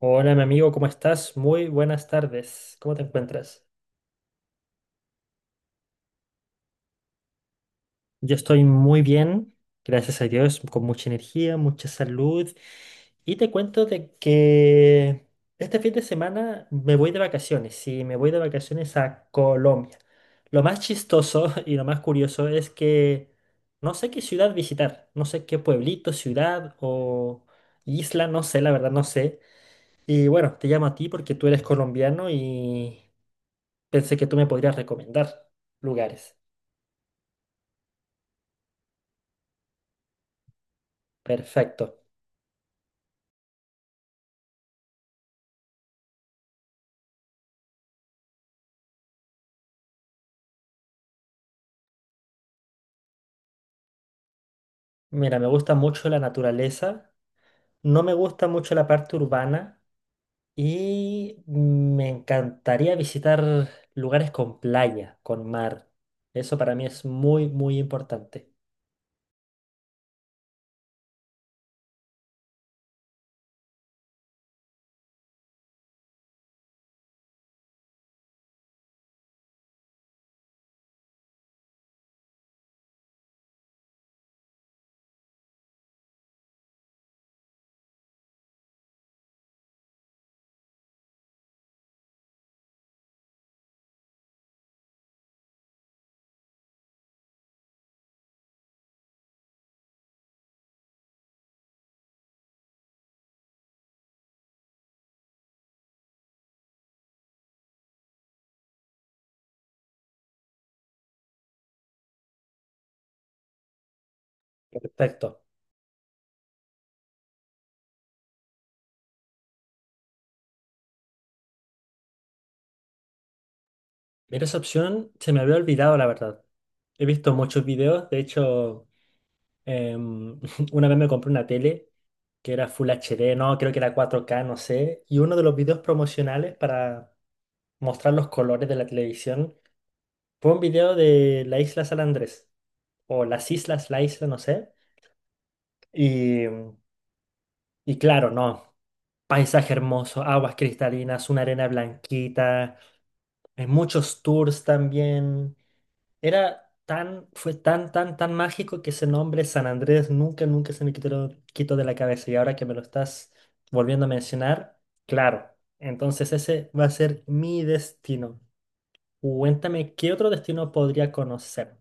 Hola, mi amigo, ¿cómo estás? Muy buenas tardes. ¿Cómo te encuentras? Yo estoy muy bien, gracias a Dios, con mucha energía, mucha salud. Y te cuento de que este fin de semana me voy de vacaciones, sí, me voy de vacaciones a Colombia. Lo más chistoso y lo más curioso es que no sé qué ciudad visitar, no sé qué pueblito, ciudad o isla, no sé, la verdad no sé. Y bueno, te llamo a ti porque tú eres colombiano y pensé que tú me podrías recomendar lugares. Perfecto. Mira, me gusta mucho la naturaleza, no me gusta mucho la parte urbana y me encantaría visitar lugares con playa, con mar. Eso para mí es muy, muy importante. Perfecto. Mira, esa opción se me había olvidado, la verdad. He visto muchos videos, de hecho, em, una vez me compré una tele que era Full HD, no, creo que era 4K, no sé, y uno de los videos promocionales para mostrar los colores de la televisión. Fue un video de la isla San Andrés, o las islas, la isla, no sé. Y, y claro, no. Paisaje hermoso, aguas cristalinas, una arena blanquita, muchos tours también. Fue tan, tan, tan mágico que ese nombre San Andrés nunca, nunca se me quitó de la cabeza. Y ahora que me lo estás volviendo a mencionar, claro. Entonces ese va a ser mi destino. Cuéntame, ¿qué otro destino podría conocer?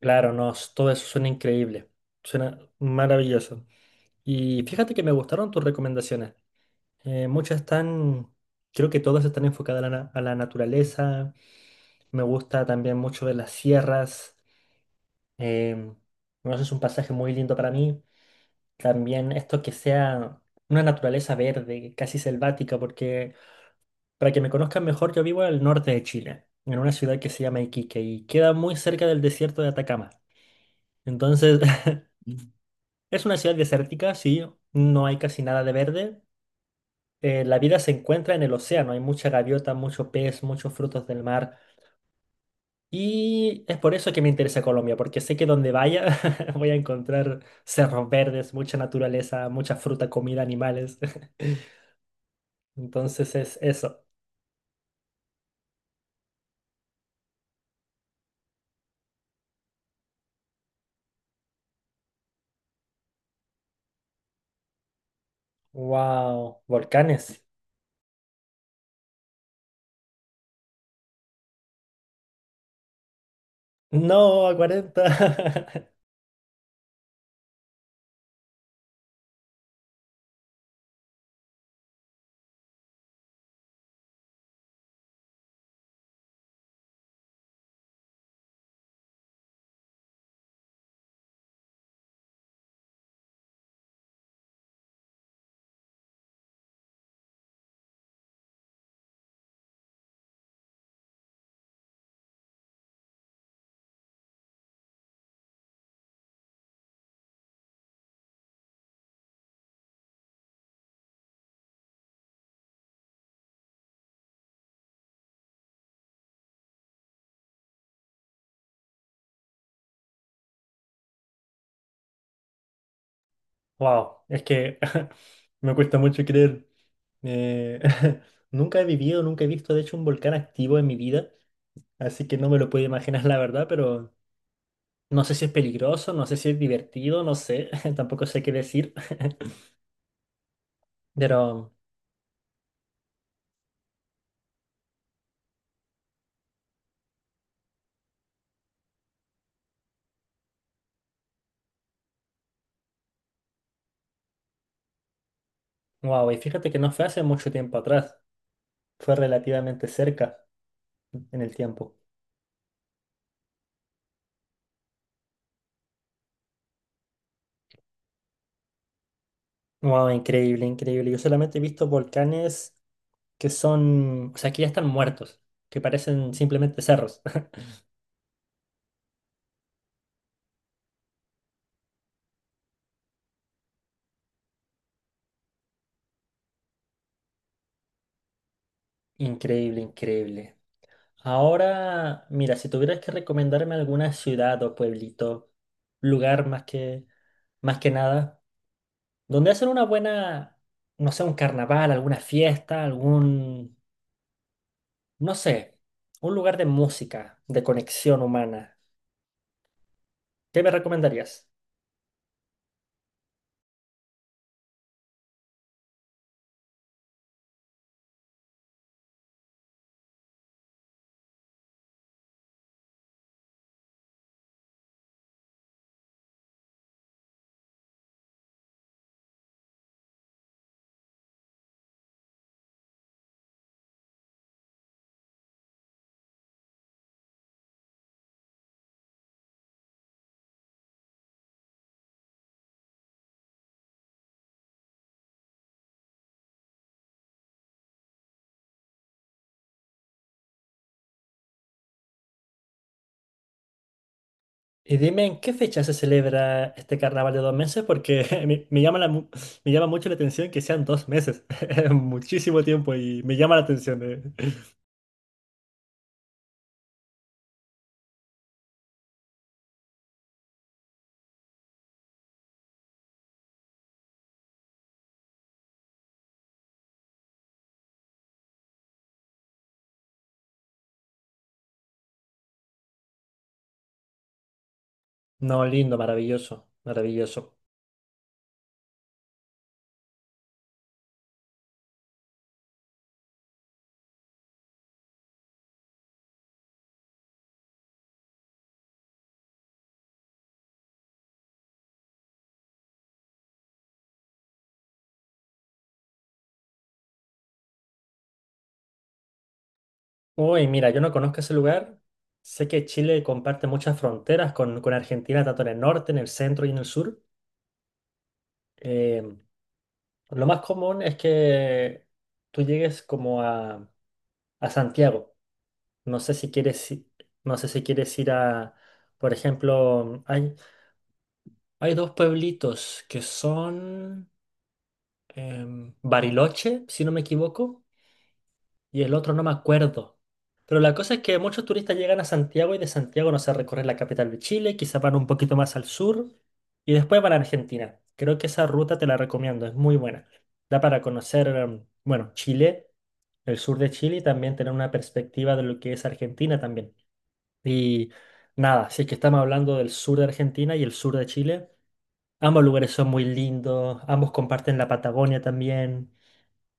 Claro, no, todo eso suena increíble, suena maravilloso. Y fíjate que me gustaron tus recomendaciones. Muchas están, creo que todas están enfocadas a la naturaleza. Me gusta también mucho de las sierras. em, bueno, eso es un pasaje muy lindo para mí. También esto que sea una naturaleza verde, casi selvática, porque para que me conozcan mejor, yo vivo al norte de Chile, en una ciudad que se llama Iquique y queda muy cerca del desierto de Atacama. Entonces. Es una ciudad desértica, sí, no hay casi nada de verde. La vida se encuentra en el océano, hay mucha gaviota, mucho pez, muchos frutos del mar. Y es por eso que me interesa Colombia, porque sé que donde vaya voy a encontrar cerros verdes, mucha naturaleza, mucha fruta, comida, animales. Entonces es eso. Wow, volcanes. No, a 40. Wow, es que me cuesta mucho creer. Eh, nunca he vivido, nunca he visto, de hecho, un volcán activo en mi vida. Así que no me lo puedo imaginar, la verdad, pero no sé si es peligroso, no sé si es divertido, no sé, tampoco sé qué decir. Pero, wow, y fíjate que no fue hace mucho tiempo atrás, fue relativamente cerca en el tiempo. Wow, increíble, increíble. Yo solamente he visto volcanes que son, o sea, que ya están muertos, que parecen simplemente cerros. Increíble, increíble. Ahora, mira, si tuvieras que recomendarme alguna ciudad o pueblito, lugar más que nada, donde hacen una buena, no sé, un carnaval, alguna fiesta, algún, no sé, un lugar de música, de conexión humana. ¿Qué me recomendarías? Y dime en qué fecha se celebra este carnaval de 2 meses, porque me llama mucho la atención que sean 2 meses. Es muchísimo tiempo y me llama la atención. No, lindo, maravilloso, maravilloso. Uy, mira, yo no conozco ese lugar. Sé que Chile comparte muchas fronteras con Argentina, tanto en el norte, en el centro y en el sur. Eh, Lo más común es que tú llegues como a Santiago. No sé si quieres, i- no sé si quieres ir a, por ejemplo, hay dos pueblitos que son Bariloche, si no me equivoco, y el otro no me acuerdo. Pero la cosa es que muchos turistas llegan a Santiago y de Santiago no se recorren la capital de Chile, quizás van un poquito más al sur y después van a Argentina. Creo que esa ruta te la recomiendo, es muy buena. Da para conocer, bueno, Chile, el sur de Chile y también tener una perspectiva de lo que es Argentina también. Y nada, si es que estamos hablando del sur de Argentina y el sur de Chile, ambos lugares son muy lindos, ambos comparten la Patagonia también.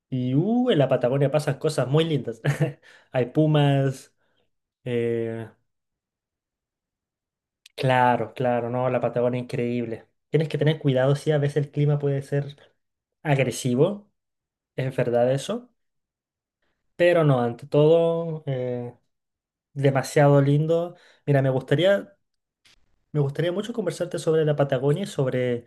Y en la Patagonia pasan cosas muy lindas. Hay pumas. eh, claro, claro, no, la Patagonia es increíble. Tienes que tener cuidado, sí, a veces el clima puede ser agresivo, es verdad eso. Pero no, ante todo, demasiado lindo. Mira, me gustaría mucho conversarte sobre la Patagonia y sobre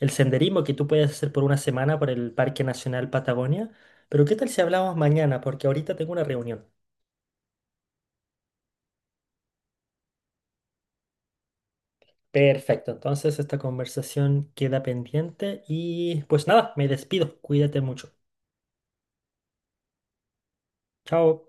el senderismo que tú puedes hacer por una semana por el Parque Nacional Patagonia. Pero ¿qué tal si hablamos mañana? Porque ahorita tengo una reunión. Perfecto, entonces esta conversación queda pendiente y pues nada, me despido. Cuídate mucho. Chao.